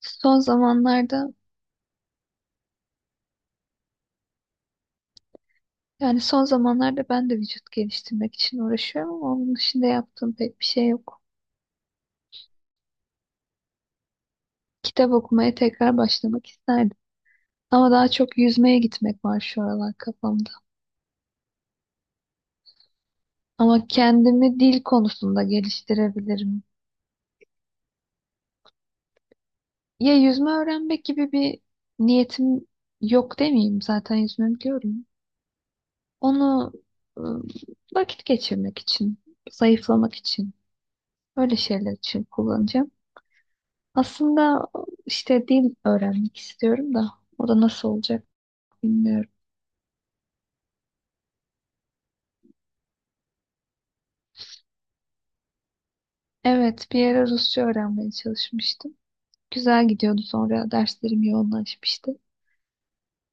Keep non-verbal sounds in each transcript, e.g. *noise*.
Son zamanlarda yani son zamanlarda ben de vücut geliştirmek için uğraşıyorum ama onun dışında yaptığım pek bir şey yok. Kitap okumaya tekrar başlamak isterdim. Ama daha çok yüzmeye gitmek var şu aralar kafamda. Ama kendimi dil konusunda geliştirebilirim. Ya yüzme öğrenmek gibi bir niyetim yok demeyeyim. Zaten yüzme biliyorum. Onu ıı, vakit geçirmek için, zayıflamak için, öyle şeyler için kullanacağım. Aslında işte dil öğrenmek istiyorum da o da nasıl olacak bilmiyorum. Evet, bir ara Rusça öğrenmeye çalışmıştım. Güzel gidiyordu sonra derslerim yoğunlaşmıştı.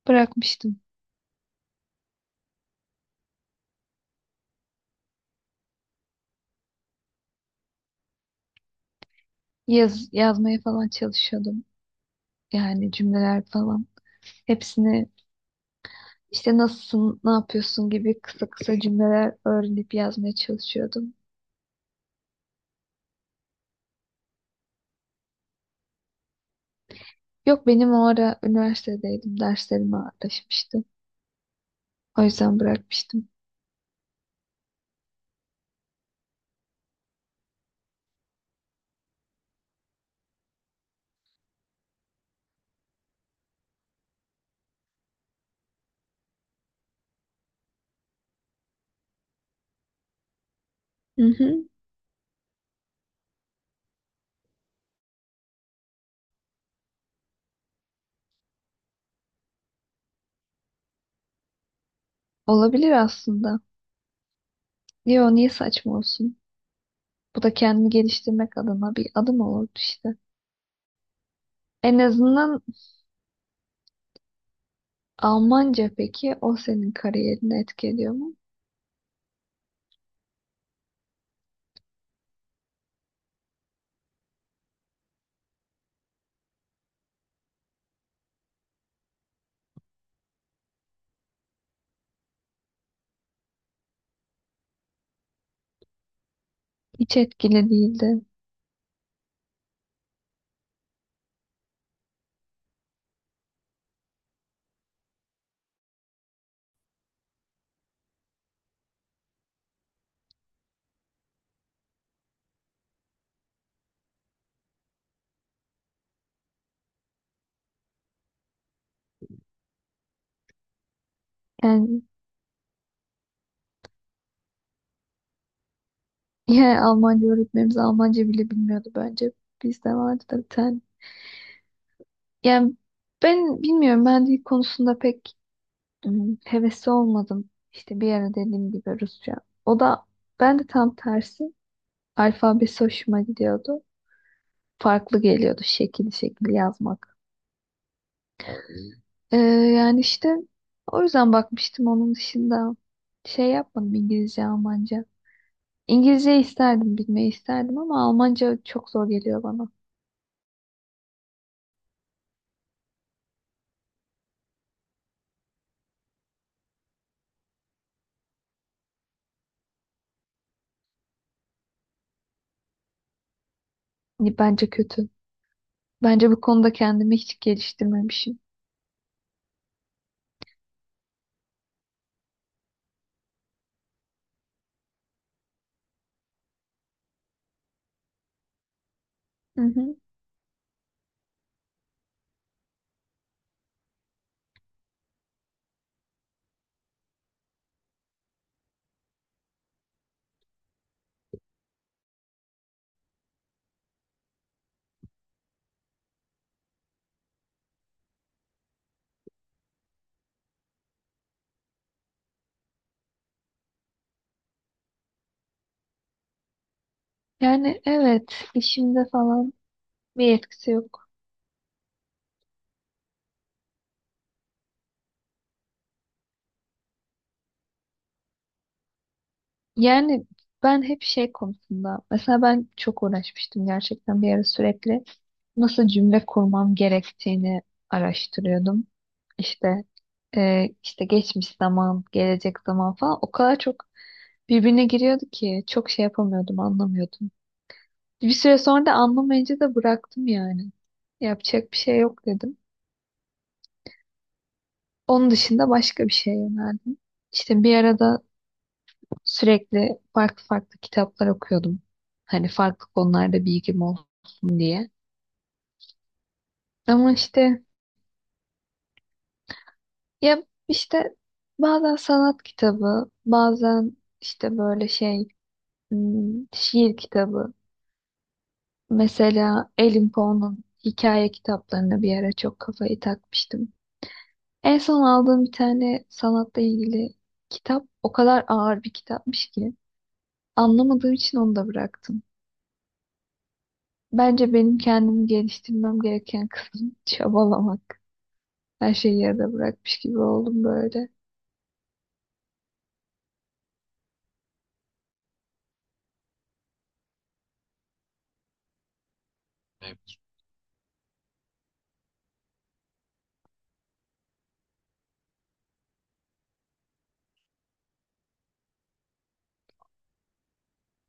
Bırakmıştım. Yazmaya falan çalışıyordum. Yani cümleler falan. Hepsini işte nasılsın, ne yapıyorsun gibi kısa kısa cümleler öğrenip yazmaya çalışıyordum. Yok, benim o ara üniversitedeydim. Derslerim ağırlaşmıştı. O yüzden bırakmıştım. Hı hı. Olabilir aslında. Yo, niye saçma olsun? Bu da kendini geliştirmek adına bir adım olurdu işte. En azından Almanca peki, o senin kariyerini etkiliyor mu? Hiç etkili değildi. Yani, *laughs* yani Almanca öğretmenimiz Almanca bile bilmiyordu bence. Bizde vardı da bir tane. Yani ben bilmiyorum, ben dil konusunda pek hevesli olmadım. İşte bir ara dediğim gibi Rusça. O da ben de tam tersi alfabesi hoşuma gidiyordu. Farklı geliyordu şekil şekil yazmak. Ee, Yani işte o yüzden bakmıştım, onun dışında şey yapmadım, İngilizce, Almanca. İngilizce isterdim, bilmeyi isterdim ama Almanca çok zor geliyor bana. Hani bence kötü. Bence bu konuda kendimi hiç geliştirmemişim. Hı hı. Yani evet, işimde falan bir etkisi yok. Yani ben hep şey konusunda, mesela ben çok uğraşmıştım gerçekten, bir ara sürekli nasıl cümle kurmam gerektiğini araştırıyordum. İşte işte geçmiş zaman, gelecek zaman falan o kadar çok birbirine giriyordu ki çok şey yapamıyordum, anlamıyordum. Bir süre sonra da anlamayınca da bıraktım yani. Yapacak bir şey yok dedim. Onun dışında başka bir şeye yöneldim. İşte bir arada sürekli farklı farklı kitaplar okuyordum. Hani farklı konularda bilgim olsun diye. Ama işte ya işte bazen sanat kitabı, bazen işte böyle şiir kitabı. Mesela Edin Poe'nun hikaye kitaplarına bir ara çok kafayı takmıştım. En son aldığım bir tane sanatla ilgili kitap o kadar ağır bir kitapmış ki anlamadığım için onu da bıraktım. Bence benim kendimi geliştirmem gereken kısım *laughs* çabalamak. Her şeyi yarıda bırakmış gibi oldum böyle.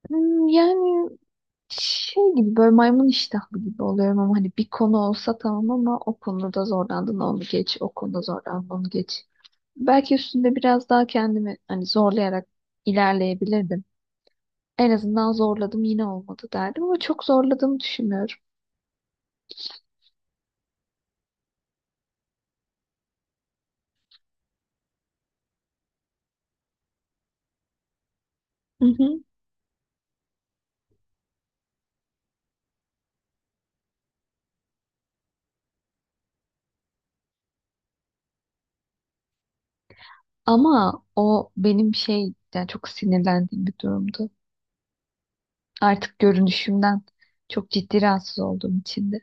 Yani şey gibi, böyle maymun iştahlı gibi oluyorum ama hani bir konu olsa tamam, ama o konuda zorlandın onu geç, o konuda zorlandın onu geç. Belki üstünde biraz daha kendimi hani zorlayarak ilerleyebilirdim. En azından zorladım yine olmadı derdim ama çok zorladığımı düşünmüyorum. Hı hı. Ama o benim şey, yani çok sinirlendiğim bir durumdu. Artık görünüşümden çok ciddi rahatsız olduğum için de.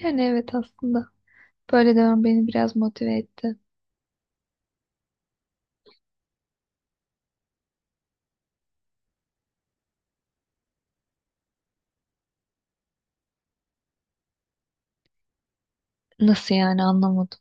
Yani evet, aslında böyle devam beni biraz motive etti. Nasıl yani, anlamadım.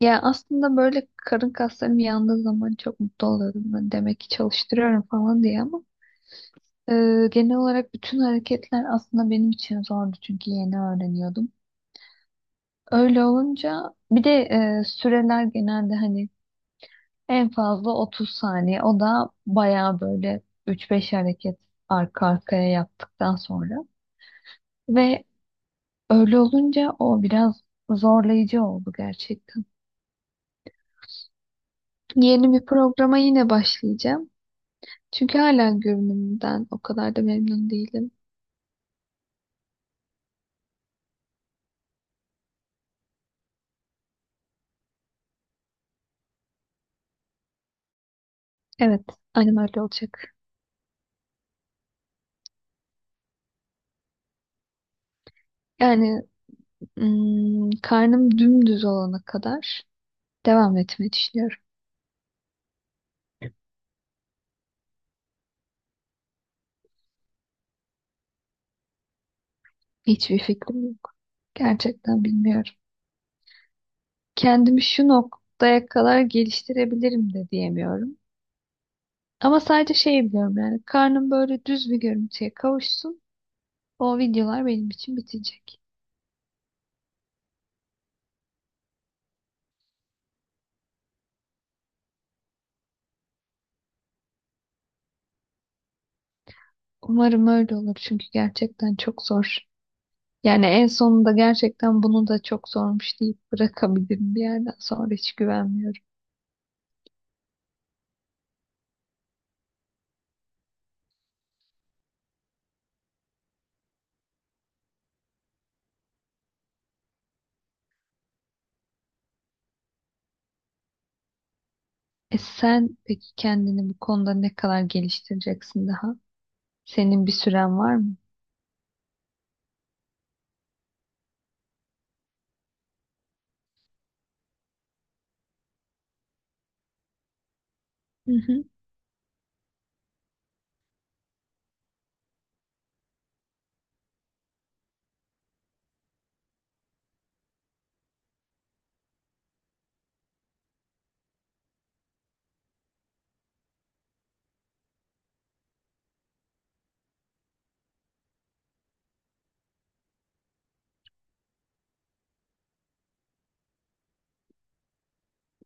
Ya aslında böyle karın kaslarım yandığı zaman çok mutlu oluyordum. Ben demek ki çalıştırıyorum falan diye ama e, genel olarak bütün hareketler aslında benim için zordu çünkü yeni öğreniyordum. Öyle olunca bir de süreler genelde hani en fazla 30 saniye. O da bayağı böyle 3-5 hareket arka arkaya yaptıktan sonra. Ve öyle olunca o biraz zorlayıcı oldu gerçekten. Yeni bir programa yine başlayacağım. Çünkü hala görünümümden o kadar da memnun değilim. Evet, aynen öyle olacak. Yani Karnım dümdüz olana kadar devam etmeyi düşünüyorum. Hiçbir fikrim yok. Gerçekten bilmiyorum. Kendimi şu noktaya kadar geliştirebilirim de diyemiyorum. Ama sadece şey biliyorum, yani karnım böyle düz bir görüntüye kavuşsun. O videolar benim için bitecek. Umarım öyle olur çünkü gerçekten çok zor. Yani en sonunda gerçekten bunu da çok zormuş deyip bırakabilirim, bir yerden sonra hiç güvenmiyorum. E sen peki kendini bu konuda ne kadar geliştireceksin daha? Senin bir süren var mı? Hı hı.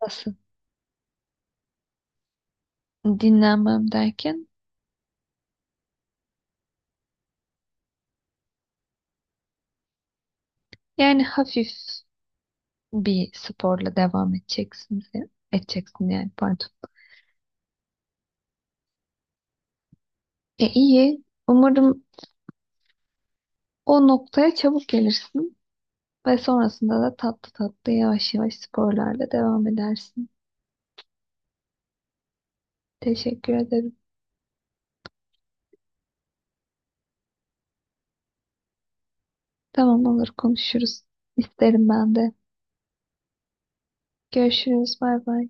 Nasıl? Dinlenmem derken yani hafif bir sporla edeceksin yani, pardon. E, iyi. Umarım o noktaya çabuk gelirsin ve sonrasında da tatlı tatlı yavaş yavaş sporlarla devam edersin. Teşekkür ederim. Tamam, olur, konuşuruz. İsterim ben de. Görüşürüz. Bay bay.